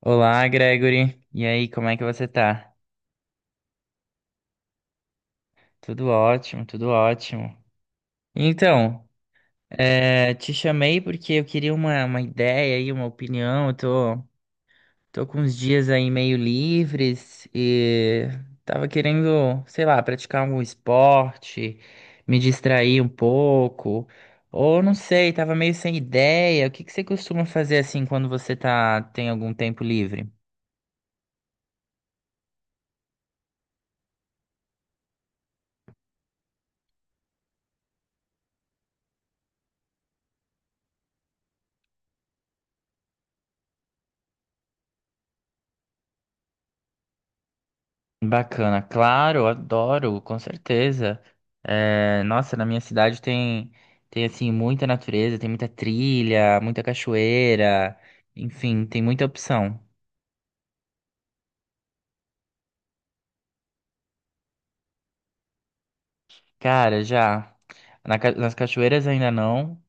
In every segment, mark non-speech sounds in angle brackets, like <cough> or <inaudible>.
Olá, Gregory. E aí, como é que você tá? Tudo ótimo, tudo ótimo. Então, te chamei porque eu queria uma ideia aí, uma opinião. Tô com uns dias aí meio livres e tava querendo, sei lá, praticar algum esporte, me distrair um pouco. Ou não sei, tava meio sem ideia. O que que você costuma fazer assim quando tem algum tempo livre? Bacana, claro, adoro, com certeza. É, nossa, na minha cidade tem assim muita natureza, tem muita trilha, muita cachoeira, enfim, tem muita opção. Cara, já nas cachoeiras ainda não,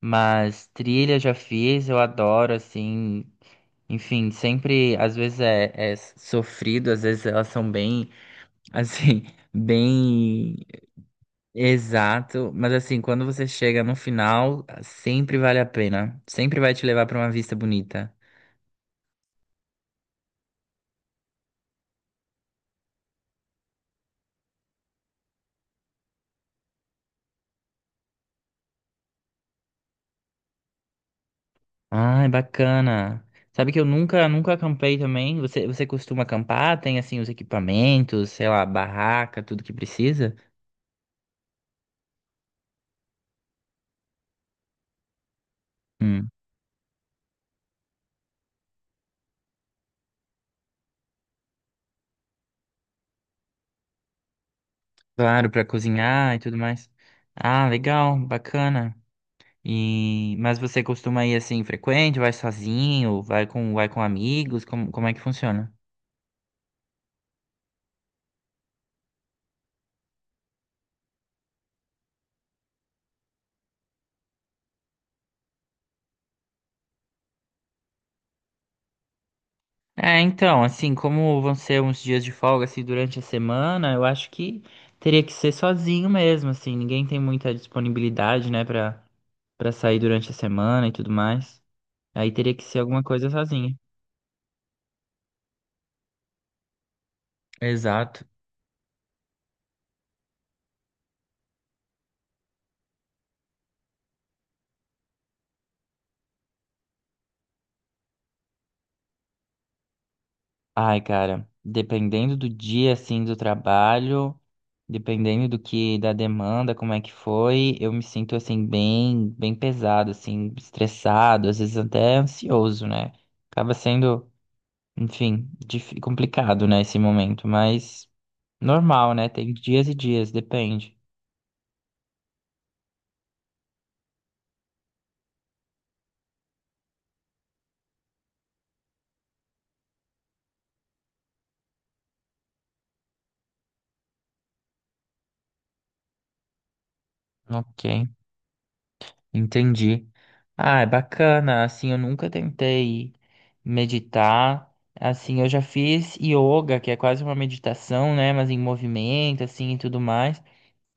mas trilha já fiz, eu adoro assim, enfim, sempre é sofrido, às vezes elas são bem assim, <laughs> bem Exato, mas assim, quando você chega no final, ah, sempre vale a pena. Sempre vai te levar para uma vista bonita. Ai, bacana. Sabe que eu nunca acampei também? Você costuma acampar? Tem assim os equipamentos, sei lá, barraca, tudo que precisa? Hum, claro, para cozinhar e tudo mais. Ah, legal, bacana. E mas você costuma ir assim frequente? Vai sozinho? Vai com amigos? Como é que funciona? É, então, assim, como vão ser uns dias de folga assim durante a semana, eu acho que teria que ser sozinho mesmo, assim, ninguém tem muita disponibilidade, né, pra sair durante a semana e tudo mais. Aí teria que ser alguma coisa sozinho. Exato. Ai, cara, dependendo do dia, assim, do trabalho, dependendo do que, da demanda, como é que foi, eu me sinto, assim, bem pesado, assim, estressado, às vezes até ansioso, né? Acaba sendo enfim, complicado, né, esse momento, mas normal, né? Tem dias e dias, depende. Ok, entendi. Ah, é bacana. Assim, eu nunca tentei meditar. Assim, eu já fiz yoga, que é quase uma meditação, né? Mas em movimento, assim, e tudo mais.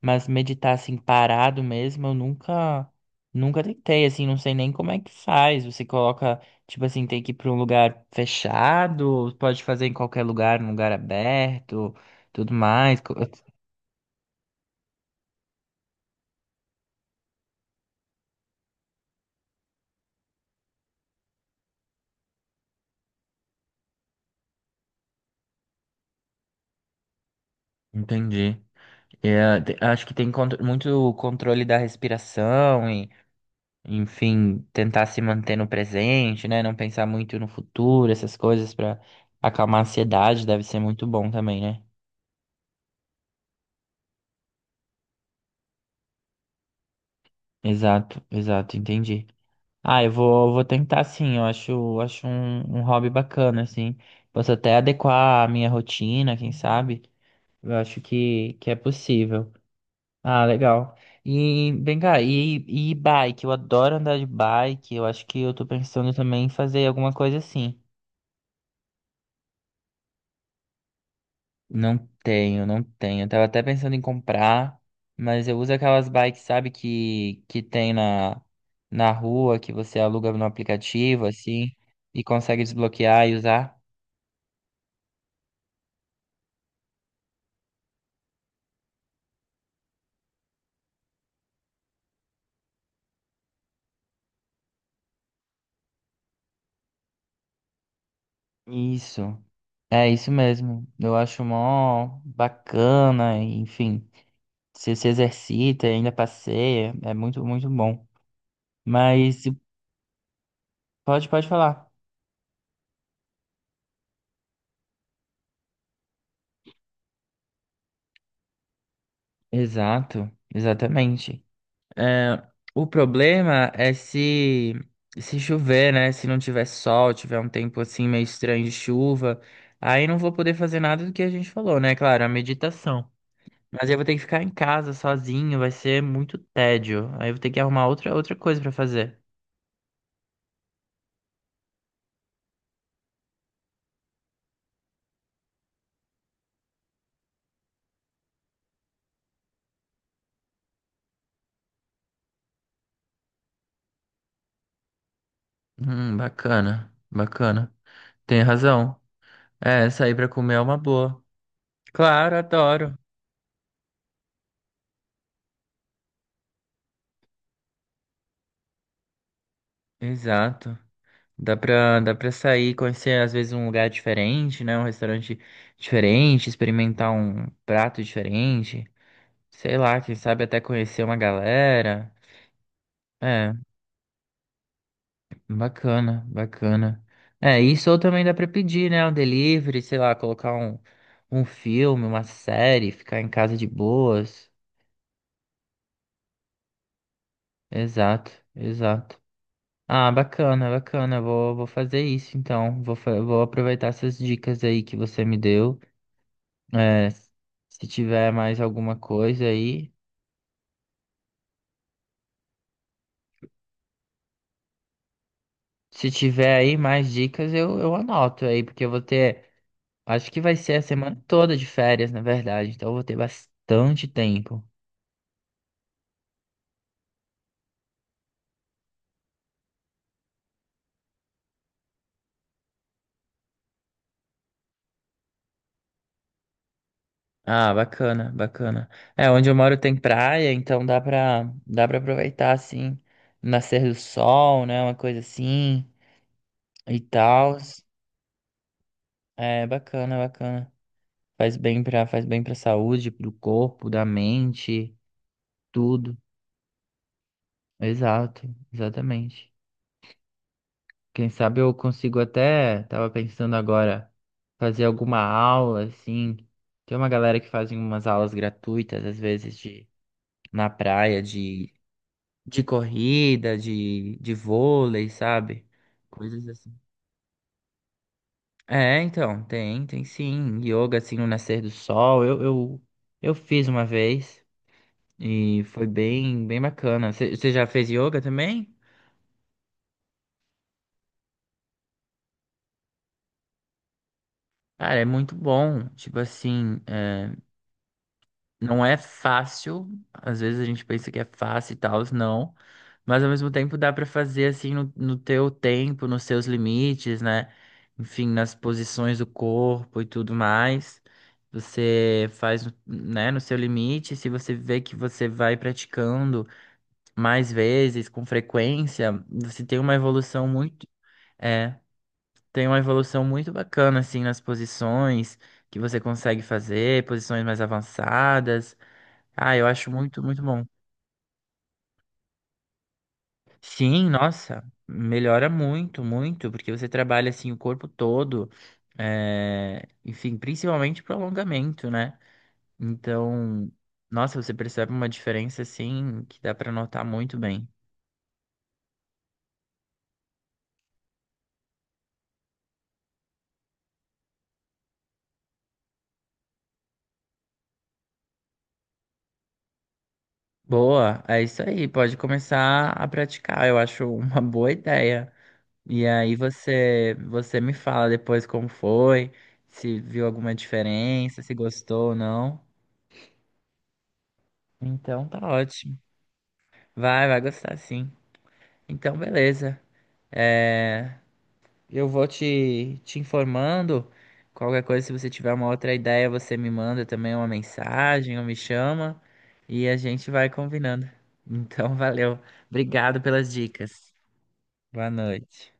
Mas meditar assim parado mesmo, eu nunca nunca tentei, assim, não sei nem como é que faz. Você coloca, tipo assim, tem que ir para um lugar fechado, ou pode fazer em qualquer lugar, num lugar aberto, tudo mais. Entendi. É, acho que tem muito controle da respiração e, enfim, tentar se manter no presente, né? Não pensar muito no futuro, essas coisas para acalmar a ansiedade, deve ser muito bom também, né? Exato, exato, entendi. Ah, vou tentar sim, eu acho, acho um hobby bacana, assim. Posso até adequar a minha rotina, quem sabe? Eu acho que é possível. Ah, legal. E vem cá, e bike? Eu adoro andar de bike, eu acho que eu tô pensando também em fazer alguma coisa assim. Não tenho, não tenho. Eu tava até pensando em comprar, mas eu uso aquelas bikes, sabe, que tem na, na rua, que você aluga no aplicativo, assim, e consegue desbloquear e usar. Isso. É isso mesmo. Eu acho mó bacana, enfim. Você se exercita, e ainda passeia, é muito, muito bom. Mas pode falar. Exato, exatamente. É, o problema é se chover, né? Se não tiver sol, tiver um tempo assim meio estranho de chuva, aí não vou poder fazer nada do que a gente falou, né? Claro, a meditação. Mas aí eu vou ter que ficar em casa sozinho, vai ser muito tédio. Aí eu vou ter que arrumar outra coisa pra fazer. Bacana, bacana. Tem razão. É, sair pra comer é uma boa. Claro, adoro. Exato. Dá pra sair, conhecer às vezes um lugar diferente, né? Um restaurante diferente, experimentar um prato diferente. Sei lá, quem sabe até conhecer uma galera. É. Bacana, bacana. É, isso ou também dá pra pedir, né? Um delivery, sei lá, colocar um filme, uma série, ficar em casa de boas. Exato, exato. Ah, bacana, bacana. Vou fazer isso então. Vou aproveitar essas dicas aí que você me deu. É, se tiver mais alguma coisa aí. Se tiver aí mais dicas, eu anoto aí, porque eu vou ter. Acho que vai ser a semana toda de férias, na verdade. Então eu vou ter bastante tempo. Ah, bacana, bacana. É, onde eu moro tem praia, então dá pra aproveitar, assim, o nascer do sol, né, uma coisa assim e tal. É, bacana, bacana. Faz bem pra saúde, pro corpo, da mente, tudo. Exato, exatamente. Quem sabe eu consigo até, tava pensando agora, fazer alguma aula, assim. Tem uma galera que faz umas aulas gratuitas, às vezes, de, na praia, de corrida, de vôlei, sabe? Coisas assim. É, então, tem sim. Yoga, assim, no nascer do sol. Eu fiz uma vez e foi bem, bem bacana. Você já fez yoga também? Cara, é muito bom. Tipo assim, é, não é fácil, às vezes a gente pensa que é fácil e tal, não. Mas ao mesmo tempo dá pra fazer assim no teu tempo, nos seus limites, né? Enfim, nas posições do corpo e tudo mais. Você faz, né, no seu limite. Se você vê que você vai praticando mais vezes, com frequência, você tem uma evolução muito, é, tem uma evolução muito bacana assim nas posições que você consegue fazer, posições mais avançadas. Ah, eu acho muito, muito bom. Sim, nossa, melhora muito, muito, porque você trabalha assim o corpo todo, é, enfim, principalmente pro alongamento, né? Então, nossa, você percebe uma diferença assim que dá pra notar muito bem. Boa, é isso aí, pode começar a praticar, eu acho uma boa ideia. E aí você me fala depois como foi, se viu alguma diferença, se gostou ou não. Então tá ótimo. Vai gostar sim. Então, beleza. É, eu vou te informando. Qualquer coisa, se você tiver uma outra ideia, você me manda também uma mensagem ou me chama e a gente vai combinando. Então, <laughs> valeu. Obrigado pelas dicas. Boa noite.